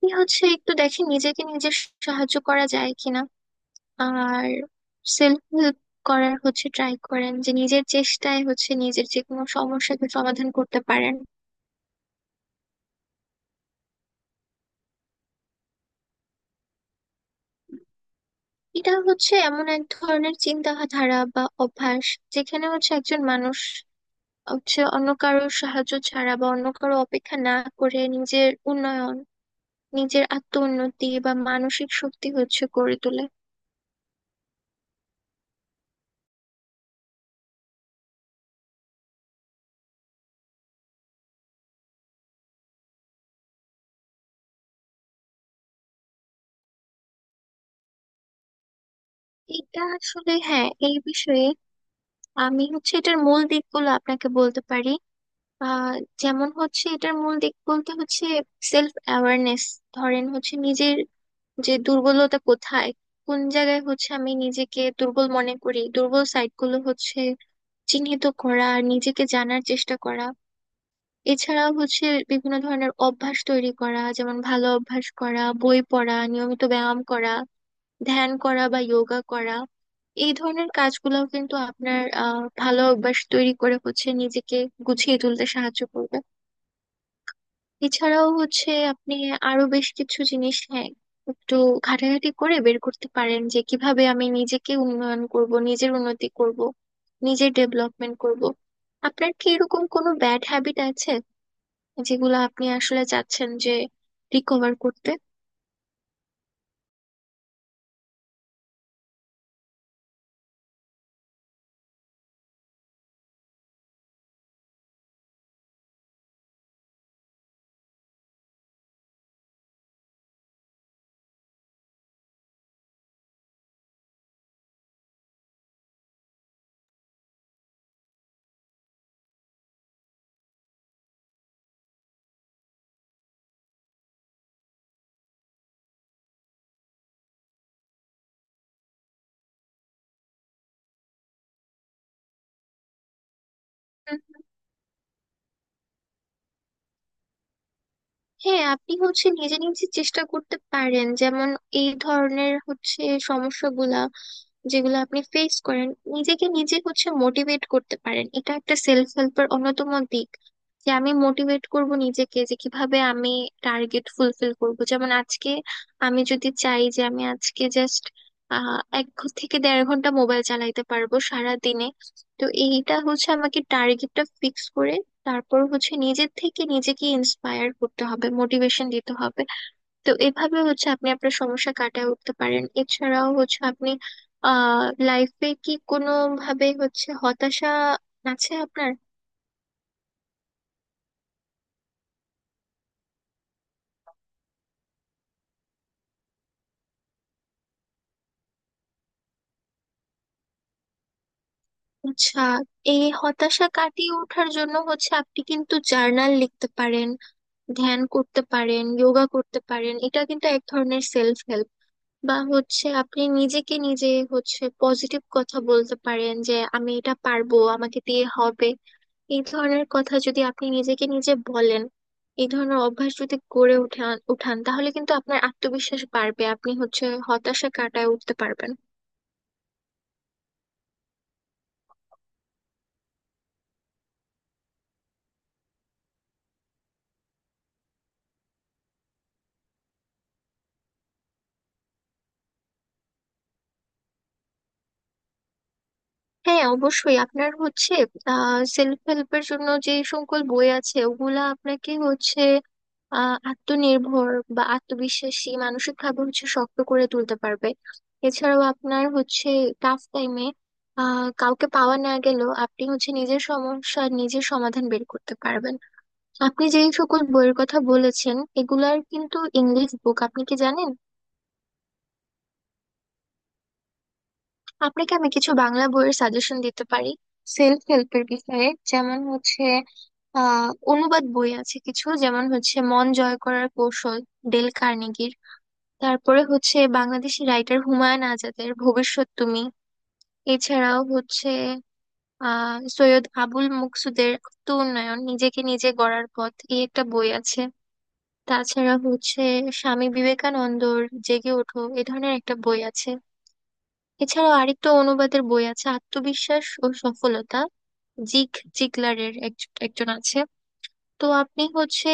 কি হচ্ছে একটু দেখি নিজেকে নিজে সাহায্য করা যায় কিনা। আর সেলফ হেল্প করার হচ্ছে ট্রাই করেন যে নিজের চেষ্টায় হচ্ছে নিজের যে কোনো সমস্যাকে সমাধান করতে পারেন। এটা হচ্ছে এমন এক ধরনের চিন্তাধারা বা অভ্যাস যেখানে হচ্ছে একজন মানুষ হচ্ছে অন্য কারোর সাহায্য ছাড়া বা অন্য কারো অপেক্ষা না করে নিজের উন্নয়ন, নিজের আত্ম উন্নতি বা মানসিক শক্তি হচ্ছে গড়ে তোলে। এটা আসলে হ্যাঁ, এই বিষয়ে আমি হচ্ছে এটার মূল দিকগুলো আপনাকে বলতে পারি। আহ যেমন হচ্ছে এটার মূল দিক বলতে হচ্ছে সেলফ অ্যাওয়ারনেস। ধরেন হচ্ছে নিজের যে দুর্বলতা কোথায়, কোন জায়গায় হচ্ছে আমি নিজেকে দুর্বল মনে করি, দুর্বল সাইটগুলো হচ্ছে চিহ্নিত করা, নিজেকে জানার চেষ্টা করা। এছাড়া হচ্ছে বিভিন্ন ধরনের অভ্যাস তৈরি করা, যেমন ভালো অভ্যাস করা, বই পড়া, নিয়মিত ব্যায়াম করা, ধ্যান করা বা যোগা করা। এই ধরনের কাজগুলোও কিন্তু আপনার ভালো অভ্যাস তৈরি করে হচ্ছে নিজেকে গুছিয়ে তুলতে সাহায্য করবে। এছাড়াও হচ্ছে আপনি আরো বেশ কিছু জিনিস হ্যাঁ একটু ঘাটাঘাটি করে বের করতে পারেন, যে কিভাবে আমি নিজেকে উন্নয়ন করব, নিজের উন্নতি করব, নিজের ডেভেলপমেন্ট করব। আপনার কি এরকম কোনো ব্যাড হ্যাবিট আছে যেগুলো আপনি আসলে চাচ্ছেন যে রিকভার করতে? হুম। হ্যাঁ, আপনি হচ্ছে নিজে নিজে চেষ্টা করতে পারেন, যেমন এই ধরনের হচ্ছে সমস্যাগুলা যেগুলো আপনি ফেস করেন, নিজেকে নিজে হচ্ছে মোটিভেট করতে পারেন। এটা একটা সেলফ হেল্পের অন্যতম দিক যে আমি মোটিভেট করব নিজেকে যে কিভাবে আমি টার্গেট ফুলফিল করব। যেমন আজকে আমি যদি চাই যে আমি আজকে জাস্ট 1 থেকে 1.5 ঘন্টা মোবাইল চালাইতে পারবো সারা দিনে, তো এইটা হচ্ছে আমাকে টার্গেটটা ফিক্স করে তারপর হচ্ছে নিজের থেকে নিজেকে ইন্সপায়ার করতে হবে, মোটিভেশন দিতে হবে। তো এভাবে হচ্ছে আপনি আপনার সমস্যা কাটিয়ে উঠতে পারেন। এছাড়াও হচ্ছে আপনি লাইফে কি কোনো ভাবে হচ্ছে হতাশা আছে আপনার? আচ্ছা, এই হতাশা কাটিয়ে ওঠার জন্য হচ্ছে আপনি কিন্তু জার্নাল লিখতে পারেন, ধ্যান করতে পারেন, যোগা করতে পারেন। এটা কিন্তু এক ধরনের সেলফ হেল্প। বা হচ্ছে আপনি নিজেকে নিজে হচ্ছে পজিটিভ কথা বলতে পারেন যে আমি এটা পারবো, আমাকে দিয়ে হবে। এই ধরনের কথা যদি আপনি নিজেকে নিজে বলেন, এই ধরনের অভ্যাস যদি গড়ে উঠান উঠান তাহলে কিন্তু আপনার আত্মবিশ্বাস বাড়বে, আপনি হচ্ছে হতাশা কাটায় উঠতে পারবেন। হ্যাঁ অবশ্যই, আপনার হচ্ছে সেলফ হেল্পের জন্য যে সকল বই আছে ওগুলা আপনাকে হচ্ছে আত্মনির্ভর বা আত্মবিশ্বাসী, মানসিক ভাবে হচ্ছে শক্ত করে তুলতে পারবে। এছাড়াও আপনার হচ্ছে টাফ টাইমে কাউকে পাওয়া না গেলেও আপনি হচ্ছে নিজের সমস্যা, নিজের সমাধান বের করতে পারবেন। আপনি যেই সকল বইয়ের কথা বলেছেন এগুলার কিন্তু ইংলিশ বুক, আপনি কি জানেন? আপনাকে আমি কিছু বাংলা বইয়ের সাজেশন দিতে পারি সেলফ হেল্পের বিষয়ে। যেমন হচ্ছে অনুবাদ বই আছে কিছু, যেমন হচ্ছে মন জয় করার কৌশল, ডেল কার্নেগির। তারপরে হচ্ছে বাংলাদেশি রাইটার হুমায়ুন আজাদের ভবিষ্যৎ তুমি। এছাড়াও হচ্ছে সৈয়দ আবুল মকসুদের আত্ম উন্নয়ন, নিজেকে নিজে গড়ার পথ এই একটা বই আছে। তাছাড়া হচ্ছে স্বামী বিবেকানন্দর জেগে ওঠো, এ ধরনের একটা বই আছে। এছাড়াও আরেকটা অনুবাদের বই আছে, আত্মবিশ্বাস ও সফলতা, জিগ জিগলারের একজন আছে। তো আপনি হচ্ছে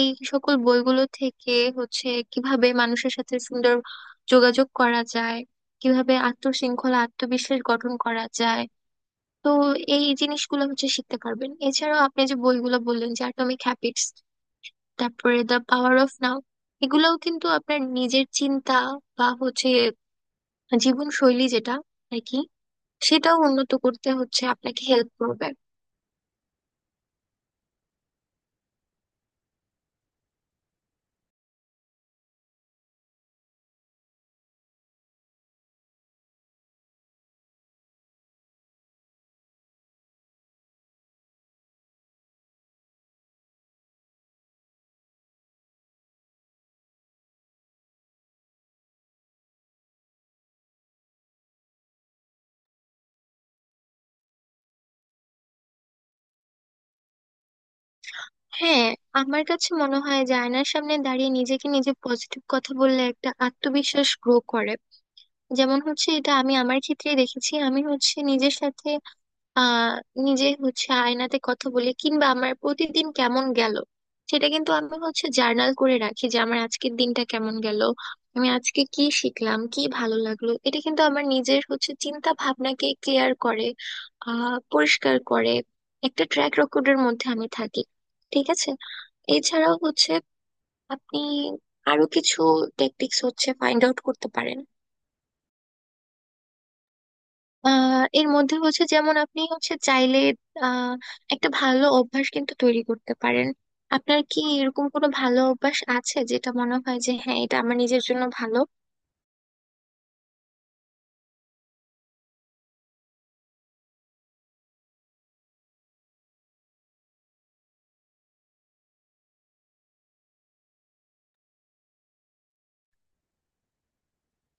এই সকল বইগুলো থেকে হচ্ছে কিভাবে মানুষের সাথে সুন্দর যোগাযোগ করা যায়, কিভাবে আত্মশৃঙ্খলা, আত্মবিশ্বাস গঠন করা যায়, তো এই জিনিসগুলো হচ্ছে শিখতে পারবেন। এছাড়াও আপনি যে বইগুলো বললেন যে অ্যাটমিক হ্যাবিটস, তারপরে দ্য পাওয়ার অফ নাও, এগুলাও কিন্তু আপনার নিজের চিন্তা বা হচ্ছে জীবন শৈলী যেটা আর কি, সেটাও উন্নত করতে হচ্ছে আপনাকে হেল্প করবে। হ্যাঁ, আমার কাছে মনে হয় যে আয়নার সামনে দাঁড়িয়ে নিজেকে নিজে পজিটিভ কথা বললে একটা আত্মবিশ্বাস গ্রো করে। যেমন হচ্ছে এটা আমি আমার ক্ষেত্রে দেখেছি, আমি হচ্ছে নিজের সাথে আহ নিজে হচ্ছে আয়নাতে কথা বলি, কিংবা আমার প্রতিদিন কেমন গেল সেটা কিন্তু আমি হচ্ছে জার্নাল করে রাখি যে আমার আজকের দিনটা কেমন গেল, আমি আজকে কি শিখলাম, কি ভালো লাগলো। এটা কিন্তু আমার নিজের হচ্ছে চিন্তা ভাবনাকে ক্লিয়ার করে, পরিষ্কার করে, একটা ট্র্যাক রেকর্ডের মধ্যে আমি থাকি, ঠিক আছে? এছাড়াও হচ্ছে আপনি আরো কিছু টেকটিক্স হচ্ছে ফাইন্ড আউট করতে পারেন। এর মধ্যে হচ্ছে যেমন আপনি হচ্ছে চাইলে আহ একটা ভালো অভ্যাস কিন্তু তৈরি করতে পারেন। আপনার কি এরকম কোনো ভালো অভ্যাস আছে যেটা মনে হয় যে হ্যাঁ, এটা আমার নিজের জন্য ভালো?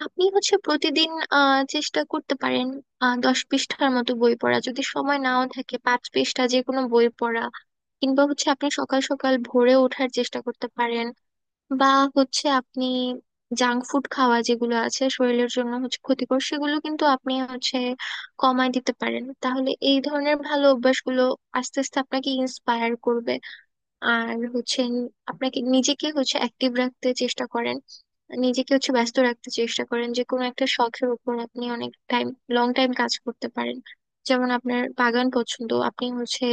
আপনি হচ্ছে প্রতিদিন চেষ্টা করতে পারেন 10 পৃষ্ঠার মতো বই পড়া, যদি সময় নাও থাকে 5 পৃষ্ঠা যে কোনো বই পড়া। কিংবা হচ্ছে আপনি সকাল সকাল ভোরে ওঠার চেষ্টা করতে পারেন। বা হচ্ছে আপনি জাঙ্ক ফুড খাওয়া যেগুলো আছে শরীরের জন্য হচ্ছে ক্ষতিকর সেগুলো কিন্তু আপনি হচ্ছে কমায় দিতে পারেন। তাহলে এই ধরনের ভালো অভ্যাসগুলো আস্তে আস্তে আপনাকে ইন্সপায়ার করবে। আর হচ্ছে আপনাকে নিজেকে হচ্ছে অ্যাক্টিভ রাখতে চেষ্টা করেন, নিজেকে হচ্ছে ব্যস্ত রাখতে চেষ্টা করেন। যে কোনো একটা শখের উপর আপনি অনেক টাইম, লং টাইম কাজ করতে পারেন। যেমন আপনার বাগান পছন্দ, আপনি হচ্ছে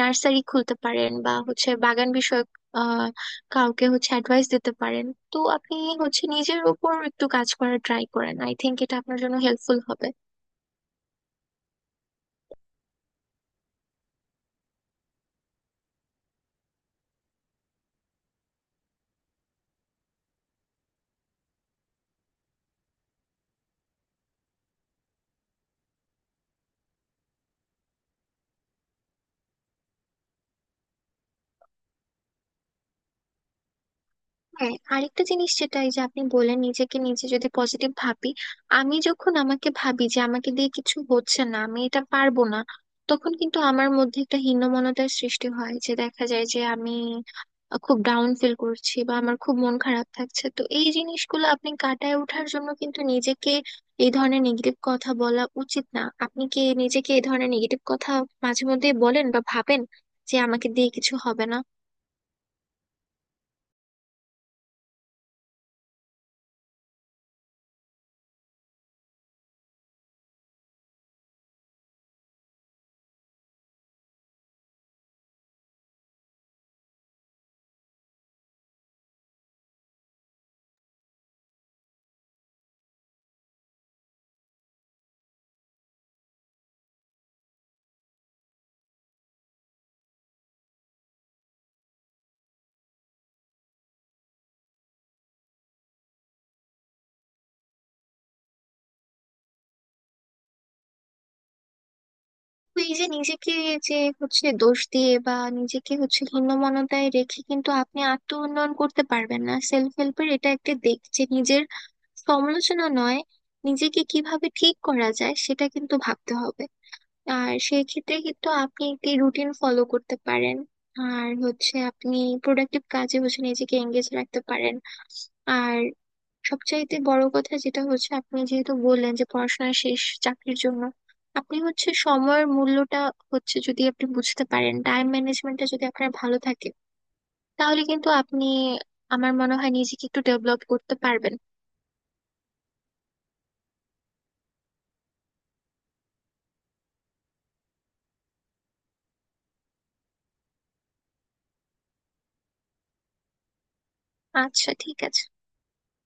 নার্সারি খুলতে পারেন, বা হচ্ছে বাগান বিষয়ক আহ কাউকে হচ্ছে অ্যাডভাইস দিতে পারেন। তো আপনি হচ্ছে নিজের উপর একটু কাজ করার ট্রাই করেন, আই থিংক এটা আপনার জন্য হেল্পফুল হবে। হ্যাঁ, আরেকটা জিনিস যেটা, এই যে আপনি বললেন নিজেকে নিজে যদি পজিটিভ ভাবি, আমি যখন আমাকে ভাবি যে আমাকে দিয়ে কিছু হচ্ছে না, আমি এটা পারবো না, তখন কিন্তু আমার মধ্যে একটা হীনমন্যতার সৃষ্টি হয়, যে দেখা যায় যে আমি খুব ডাউন ফিল করছি বা আমার খুব মন খারাপ থাকছে। তো এই জিনিসগুলো আপনি কাটায় ওঠার জন্য কিন্তু নিজেকে এই ধরনের নেগেটিভ কথা বলা উচিত না। আপনি কি নিজেকে এই ধরনের নেগেটিভ কথা মাঝে মধ্যে বলেন বা ভাবেন যে আমাকে দিয়ে কিছু হবে না? তো এই যে নিজেকে যে হচ্ছে দোষ দিয়ে বা নিজেকে হচ্ছে হীনমন্যতায় রেখে কিন্তু আপনি আত্ম উন্নয়ন করতে পারবেন না। সেলফ হেল্পের এটা একটা দিক যে নিজের সমালোচনা নয়, নিজেকে কিভাবে ঠিক করা যায় সেটা কিন্তু ভাবতে হবে। আর সেই ক্ষেত্রে কিন্তু আপনি একটি রুটিন ফলো করতে পারেন। আর হচ্ছে আপনি প্রোডাক্টিভ কাজে হচ্ছে নিজেকে এঙ্গেজ রাখতে পারেন। আর সবচাইতে বড় কথা যেটা হচ্ছে, আপনি যেহেতু বললেন যে পড়াশোনা শেষ, চাকরির জন্য আপনি হচ্ছে সময়ের মূল্যটা হচ্ছে যদি আপনি বুঝতে পারেন, টাইম ম্যানেজমেন্টটা যদি আপনার ভালো থাকে তাহলে কিন্তু আপনি, আমার মনে হয়, নিজেকে একটু ডেভেলপ করতে পারবেন। আচ্ছা, ঠিক আছে।